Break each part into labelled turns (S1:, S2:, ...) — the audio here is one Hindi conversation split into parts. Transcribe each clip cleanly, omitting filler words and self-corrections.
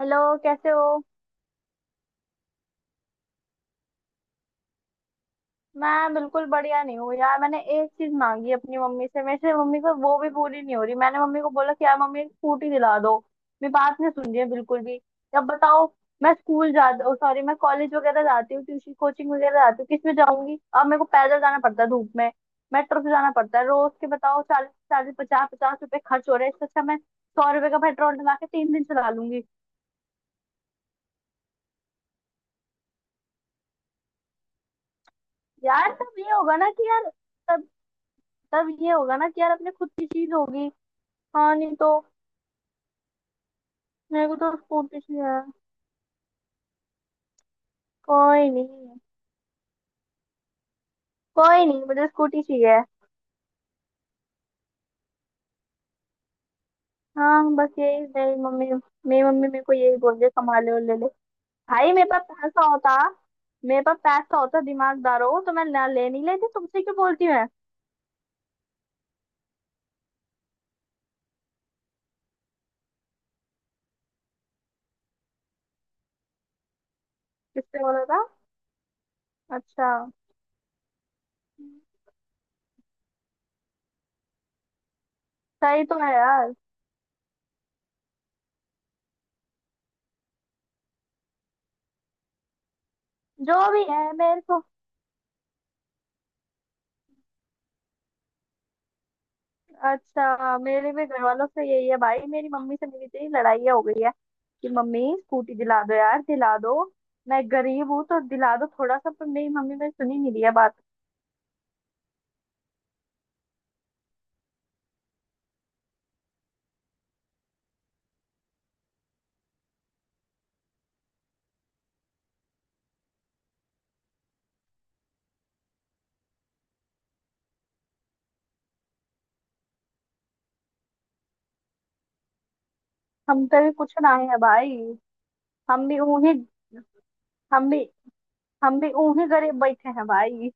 S1: हेलो, कैसे हो? मैं बिल्कुल बढ़िया नहीं हूँ यार। मैंने एक चीज मांगी अपनी मम्मी से, मेरे से मम्मी को, वो भी पूरी नहीं हो रही। मैंने मम्मी को बोला कि यार मम्मी एक स्कूटी दिला दो। मेरी बात नहीं सुन रही है बिल्कुल भी। अब बताओ। मैं स्कूल जा, सॉरी, मैं कॉलेज वगैरह जाती हूँ, ट्यूशन कोचिंग वगैरह जाती हूँ। किस में जाऊंगी अब? मेरे को पैदल जाना पड़ता है धूप में। मेट्रो से जाना पड़ता है। रोज के बताओ चालीस चालीस पचास पचास रुपए खर्च हो रहे हैं। इससे अच्छा मैं 100 रुपए का पेट्रोल डला के 3 दिन चला लूंगी। यार तब ये होगा ना कि यार, तब तब ये होगा ना कि यार अपने खुद की चीज होगी। हाँ नहीं तो। मेरे को तो स्कूटी चाहिए। कोई नहीं। कोई नहीं, मुझे स्कूटी चाहिए। हाँ बस यही मेरी मम्मी मेरे को यही बोल रही है, कमा ले और ले ले। भाई मेरे पास पैसा होता, दिमागदार हो तो मैं ना ले नहीं लेती तुमसे, क्यों बोलती हूँ मैं? किससे बोला था? अच्छा। सही तो है यार। जो भी है मेरे को। अच्छा मेरे भी घर वालों से यही है भाई। मेरी मम्मी से मेरी इतनी लड़ाई हो गई है कि मम्मी स्कूटी दिला दो यार, दिला दो। मैं गरीब हूँ तो दिला दो थोड़ा सा। पर मेरी मम्मी ने सुनी नहीं दिया बात। हम तो भी पूछना है भाई। हम भी उन्हीं। हम भी हम भी उन्हीं गरीब बैठे हैं भाई।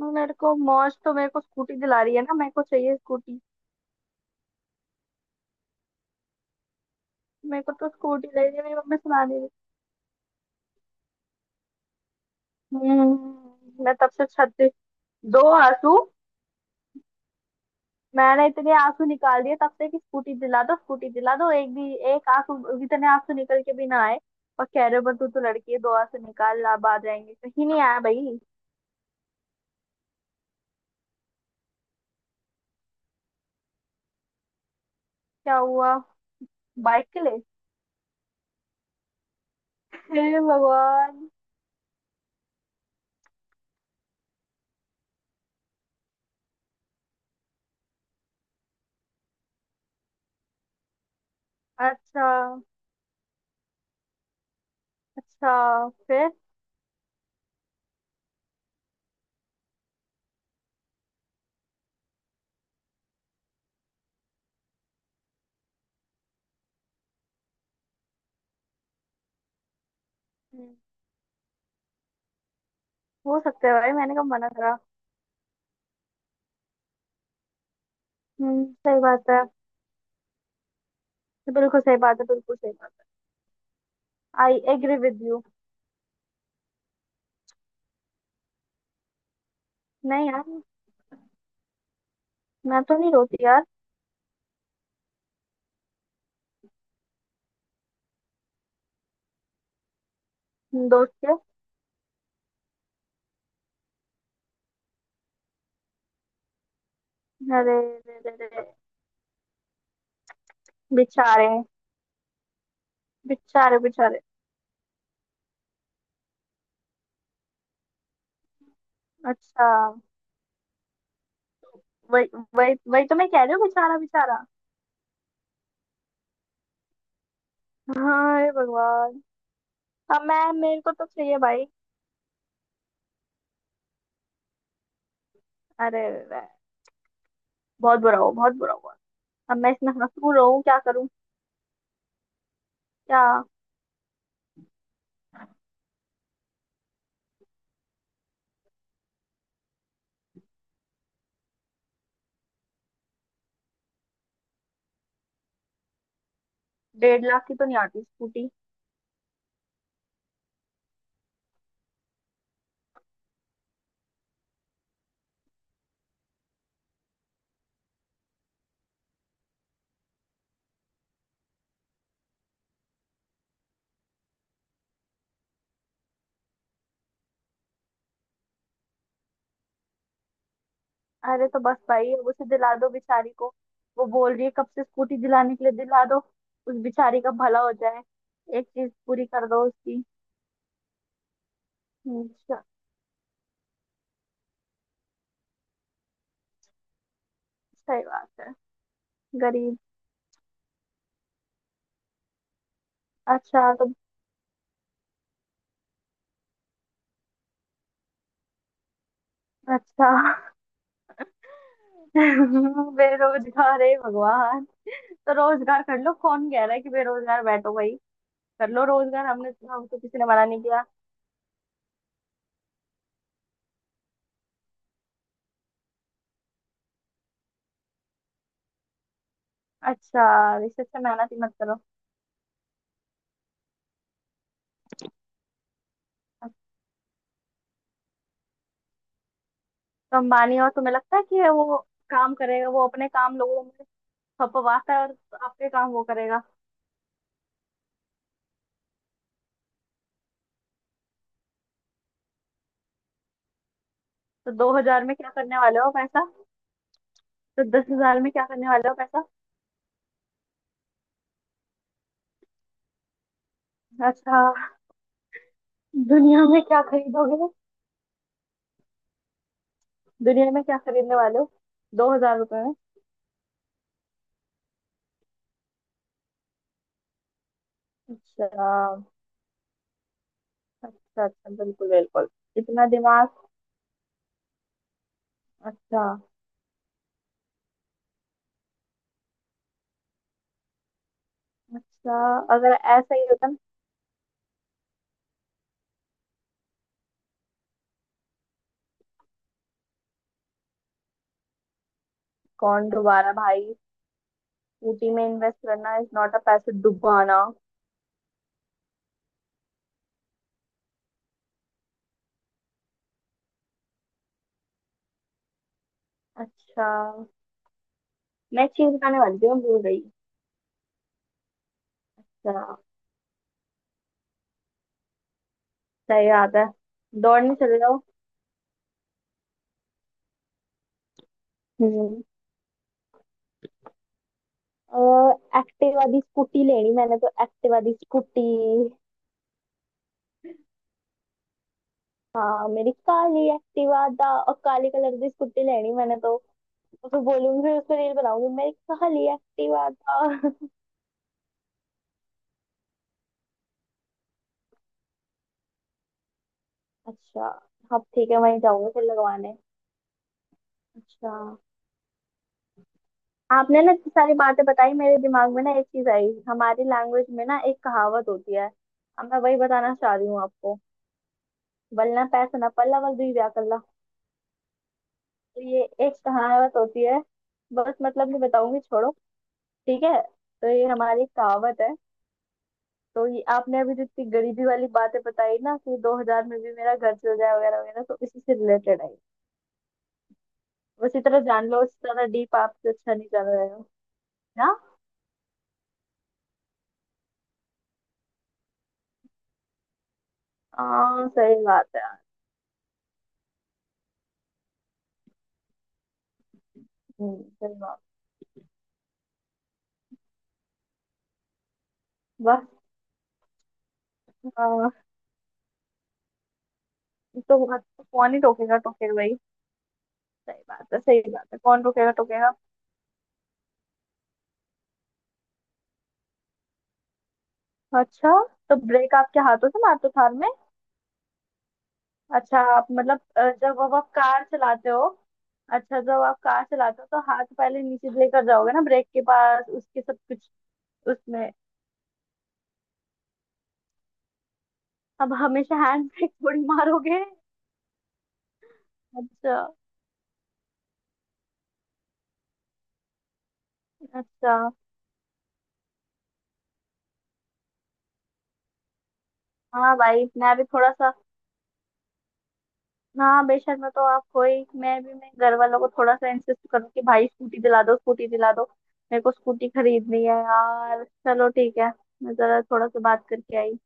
S1: मेरे को मौज तो मेरे को स्कूटी दिला रही है ना, मेरे को चाहिए स्कूटी। मेरे को तो स्कूटी ले रही है, मेरी मम्मी सुना नहीं रही। हम्म। मैं तब से छत पे। दो आंसू। मैंने इतने आंसू निकाल दिए तब से कि स्कूटी दिला दो स्कूटी दिला दो, एक आंसू इतने आंसू निकल के भी ना आए। और कह रहे हो पर तू तो लड़की है दो आंसू निकाल लाभ आ जाएंगे, कहीं नहीं आया भाई। क्या हुआ? बाइक के लिए? हे भगवान। अच्छा। अच्छा फिर? हम्म, हो सकता है भाई, मैंने कब मना करा? हम्म, सही बात है। बिल्कुल सही बात है, बिल्कुल सही बात है। I agree with you. नहीं यार, मैं तो नहीं रोती यार। दोस्त के? अरे, रे रे रे। बेचारे। बेचारे बेचारे। अच्छा। वही, वही वही तो मैं कह रही हूँ, बेचारा बेचारा। हाय भगवान। अब मैं, मेरे को तो चाहिए भाई। अरे वे। बहुत बुरा हुआ, बहुत बुरा हुआ। अब मैं इसमें मजबूर हूँ, क्या करूँ? क्या? 1.5 लाख की तो नहीं आती स्कूटी। अरे तो बस भाई अब उसे दिला दो बेचारी को। वो बोल रही है कब से स्कूटी दिलाने के लिए, दिला दो। उस बेचारी का भला हो जाए। एक चीज पूरी कर दो उसकी। अच्छा। सही बात है। गरीब। अच्छा तो। अच्छा। बेरोजगार है भगवान। तो रोजगार कर लो, कौन कह रहा है कि बेरोजगार बैठो भाई? कर लो रोजगार, हमको किसी ने मना नहीं किया। अच्छा रिश्ते से मेहनत ही मत करो। तो अंबानी हो, तुम्हें लगता है कि वो काम करेगा? वो अपने काम लोगों में खपवाता है, और आपके काम वो करेगा? तो 2 हजार में क्या करने वाले हो पैसा? तो 10 हजार में क्या करने वाले हो पैसा? अच्छा। दुनिया में क्या खरीदोगे? दुनिया में क्या खरीदने वाले हो 2 हजार रुपए में? अच्छा, अच्छा अच्छा बिल्कुल बिल्कुल। इतना दिमाग। अच्छा। अच्छा अगर ऐसा ही होता ना। कौन दोबारा भाई? स्कूटी में इन्वेस्ट करना इज नॉट अ पैसे डुबाना। अच्छा। मैं एक चीज बताने वाली थी, मैं भूल गई। अच्छा। सही बात है। दौड़ने चले जाओ। हम्म। एक्टिवा दी स्कूटी लेनी मैंने तो, एक्टिवा दी स्कूटी। हाँ मेरी काली एक्टिवा दा, और काले कलर की स्कूटी लेनी मैंने तो। उसको बोलूंगी, फिर उस पर रील बनाऊंगी, मेरी काली एक्टिवा दा। अच्छा। अब ठीक है, वहीं जाऊंगी फिर लगवाने। अच्छा। आपने ना इतनी सारी बातें बताई, मेरे दिमाग में ना एक चीज आई। हमारी लैंग्वेज में ना एक कहावत होती है, अब मैं वही बताना चाह रही हूँ आपको। बल्ला पैसा ना पल्ला, बल दुई ब्याह कल्ला। तो ये एक कहावत होती है। बस मतलब नहीं बताऊंगी, छोड़ो। ठीक है। तो ये हमारी एक कहावत है। तो ये आपने अभी जितनी गरीबी वाली बातें बताई ना, कि 2 हजार में भी मेरा घर चल जाए वगैरह वगैरह, तो इसी से रिलेटेड है। बस इतना जान लो, इससे ज्यादा डीप आपसे अच्छा नहीं जाना रहेगा। हाँ सही बात है यार। सही बात। बस। हाँ। तो आज तो कौन ही टोकेगा टोकेगा भाई? सही बात है सही बात है, कौन टोकेगा टोकेगा? अच्छा। तो ब्रेक आपके हाथों से मारते हो थार में? अच्छा। आप मतलब, जब अब आप कार चलाते हो। अच्छा जब आप कार चलाते हो तो हाथ पहले नीचे लेकर जाओगे ना ब्रेक के पास, उसके सब कुछ? उसमें अब हमेशा हैंड ब्रेक थोड़ी मारोगे। अच्छा। अच्छा। हाँ भाई मैं भी थोड़ा सा। हाँ बेशक, मैं तो आपको ही, मैं भी, मैं घर वालों को थोड़ा सा इंसिस्ट करूँ कि भाई स्कूटी दिला दो, स्कूटी दिला दो। मेरे को स्कूटी खरीदनी है यार, चलो ठीक है। मैं जरा थोड़ा सा बात करके आई।